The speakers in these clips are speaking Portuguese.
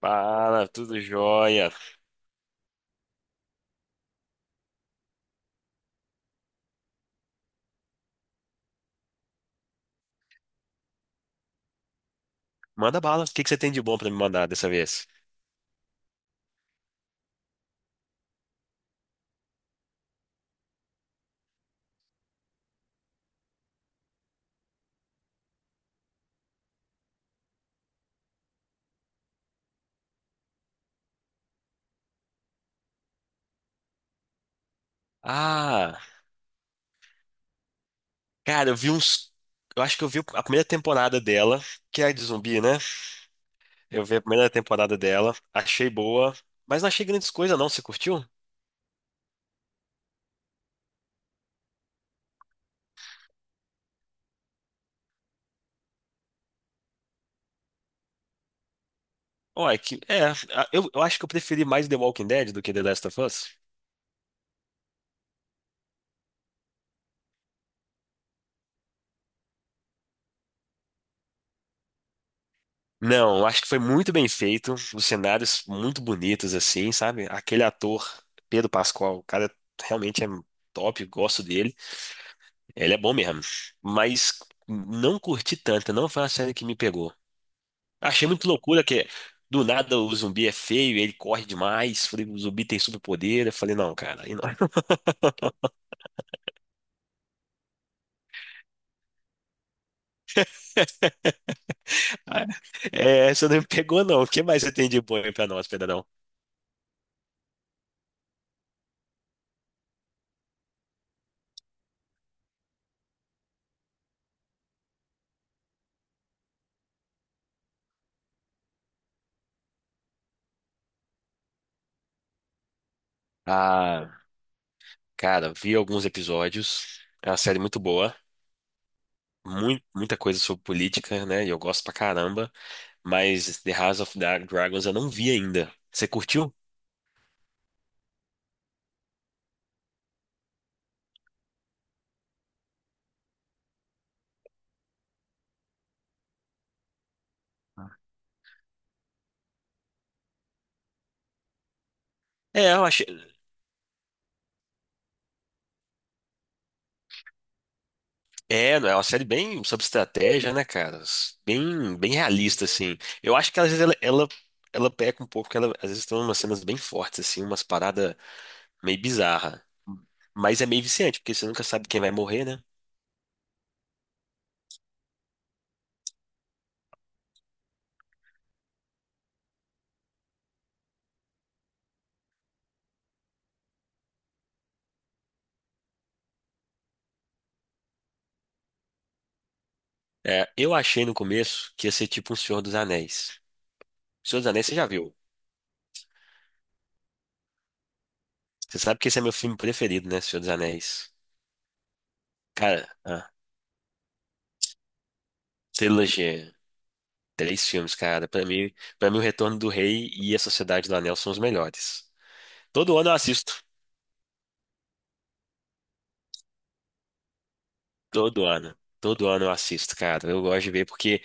Fala, tudo jóia. Manda bala. O que você tem de bom pra me mandar dessa vez? Ah, cara, eu vi uns. Eu acho que eu vi a primeira temporada dela, que é de zumbi, né? Eu vi a primeira temporada dela, achei boa, mas não achei grandes coisas, não. Você curtiu? Ó, é que. Eu acho que eu preferi mais The Walking Dead do que The Last of Us. Não, eu acho que foi muito bem feito. Os cenários muito bonitos, assim, sabe? Aquele ator, Pedro Pascal, o cara realmente é top, gosto dele. Ele é bom mesmo. Mas não curti tanto, não foi uma série que me pegou. Achei muito loucura que do nada o zumbi é feio, ele corre demais. Falei, o zumbi tem superpoder. Eu falei, não, cara, aí não. É, essa não me pegou, não. O que mais você tem de bom aí pra nós, Pedrão? Ah, cara, vi alguns episódios. É uma série muito boa. Muito, muita coisa sobre política, né? E eu gosto pra caramba. Mas The House of Dragons eu não vi ainda. Você curtiu? É, eu achei. É, é uma série bem sobre estratégia, né, cara? Bem, bem realista, assim. Eu acho que às vezes ela peca um pouco, porque ela, às vezes tem umas cenas bem fortes, assim, umas paradas meio bizarras. Mas é meio viciante, porque você nunca sabe quem vai morrer, né? É, eu achei no começo que ia ser tipo um Senhor dos Anéis. Senhor dos Anéis você já viu. Você sabe que esse é meu filme preferido, né? Senhor dos Anéis. Cara, a trilogia. Três filmes, cara. Para mim, O Retorno do Rei e A Sociedade do Anel são os melhores. Todo ano eu assisto. Todo ano. Todo ano eu assisto, cara. Eu gosto de ver porque,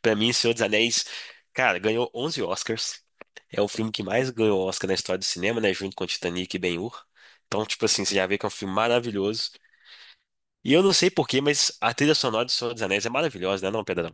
pra mim, Senhor dos Anéis, cara, ganhou 11 Oscars. É o filme que mais ganhou Oscar na história do cinema, né? Junto com Titanic e Ben-Hur. Então, tipo assim, você já vê que é um filme maravilhoso. E eu não sei porquê, mas a trilha sonora de Senhor dos Anéis é maravilhosa, né, não, Pedrão?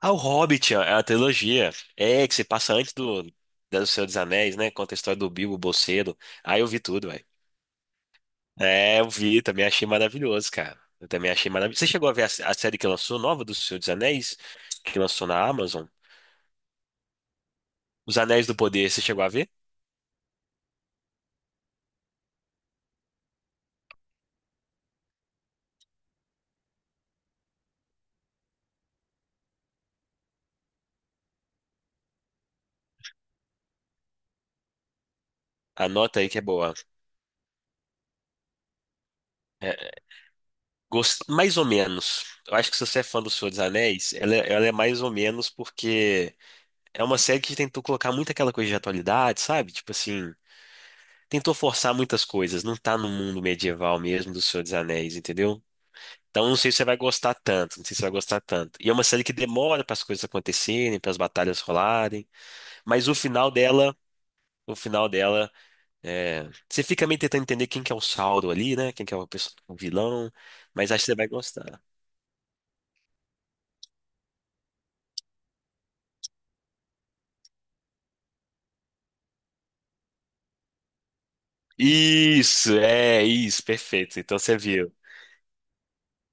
Ah, o Hobbit, a trilogia, é que se passa antes do Senhor dos Anéis, né? Conta a história do Bilbo Bolseiro. Aí eu vi tudo, velho. É, eu vi, também achei maravilhoso, cara. Eu também achei maravilhoso. Você chegou a ver a série que lançou, nova do Senhor dos Anéis, que lançou na Amazon? Os Anéis do Poder, você chegou a ver? Anota aí que é boa. É, mais ou menos. Eu acho que se você é fã do Senhor dos Anéis, ela é mais ou menos porque é uma série que tentou colocar muito aquela coisa de atualidade, sabe? Tipo assim, tentou forçar muitas coisas. Não tá no mundo medieval mesmo do Senhor dos Anéis, entendeu? Então não sei se você vai gostar tanto, não sei se você vai gostar tanto. E é uma série que demora para as coisas acontecerem, para as batalhas rolarem, mas o final dela, é... você fica meio tentando entender quem que é o Sauron ali, né? Quem que é o vilão, mas acho que você vai gostar. Isso, é isso, perfeito. Então você viu.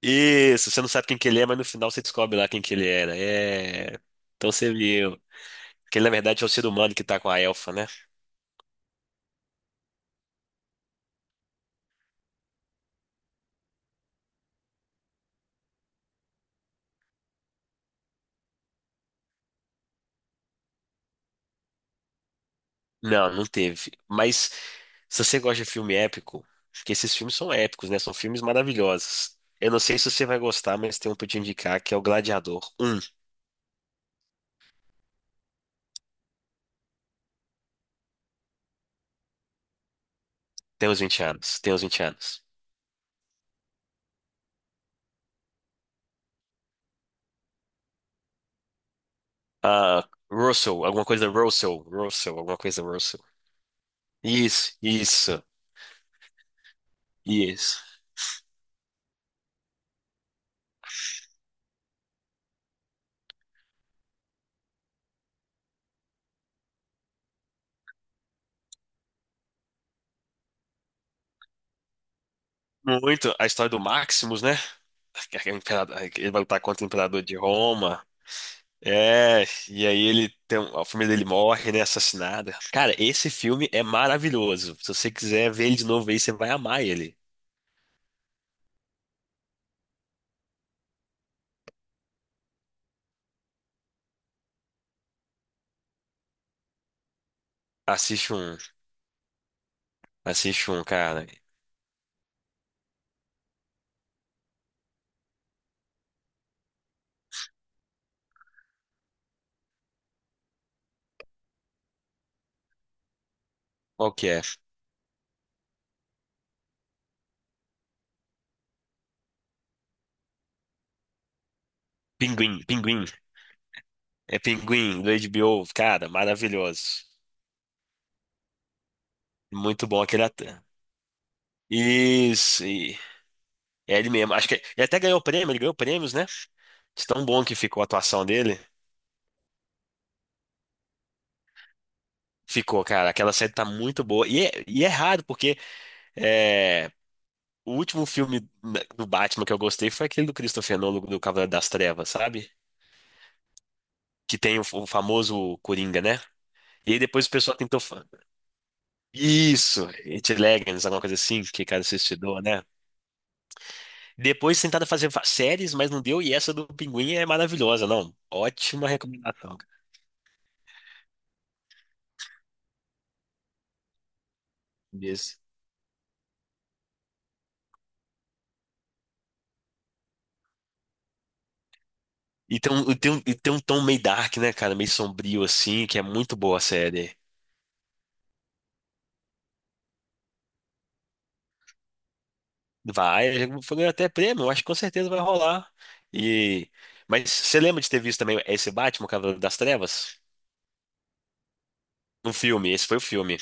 Isso, você não sabe quem que ele é, mas no final você descobre lá quem que ele era. É. Então você viu. Que ele, na verdade, é o ser humano que tá com a elfa, né? Não, não teve. Mas se você gosta de filme épico, porque esses filmes são épicos, né? São filmes maravilhosos. Eu não sei se você vai gostar, mas tem um pra eu te indicar que é o Gladiador um. Tem uns 20 anos. Tem uns 20 anos. Ah, Russell, alguma coisa Russell. Russell, alguma coisa Russell. Isso, isso, isso. Muito. A história do Maximus, né? Ele vai lutar contra o imperador de Roma. É, e aí ele tem, a família dele morre, né, assassinada. Cara, esse filme é maravilhoso. Se você quiser ver ele de novo aí, você vai amar ele. Assiste um, assiste um, cara. Qual que é? Pinguim, Pinguim. É Pinguim, do HBO. Cara, maravilhoso. Muito bom aquele ator. Isso, e é ele mesmo. Acho que ele até ganhou prêmio, ele ganhou prêmios, né? De tão bom que ficou a atuação dele. Ficou, cara. Aquela série tá muito boa. E é raro, porque é, o último filme do Batman que eu gostei foi aquele do Christopher Nolan, do Cavaleiro das Trevas, sabe? Que tem o famoso Coringa, né? E aí depois o pessoal tentou. Isso! It Legends, alguma coisa assim, que cara se suicidou, né? Depois tentaram fazer séries, mas não deu. E essa do Pinguim é maravilhosa, não. Ótima recomendação, cara. Isso. E tem um tom meio dark, né, cara? Meio sombrio, assim, que é muito boa a série. Vai, já foi até prêmio, eu acho que com certeza vai rolar. E mas você lembra de ter visto também esse Batman, o Cavaleiro das Trevas? Um filme, esse foi o filme.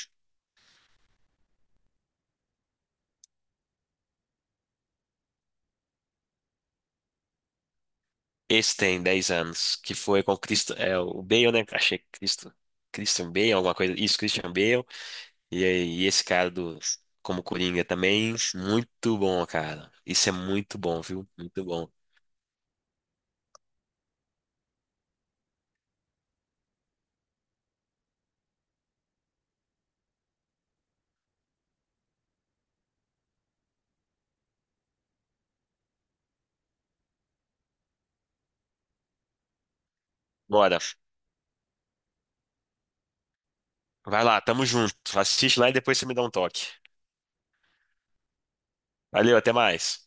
Esse tem 10 anos, que foi com Cristo, é o Bale, né? Achei que Cristo, Christian Bale, alguma coisa. Isso, Christian Bale. E, aí, e esse cara do como Coringa também, muito bom, cara. Isso é muito bom, viu? Muito bom. Bora. Vai lá, tamo junto. Assiste lá e depois você me dá um toque. Valeu, até mais.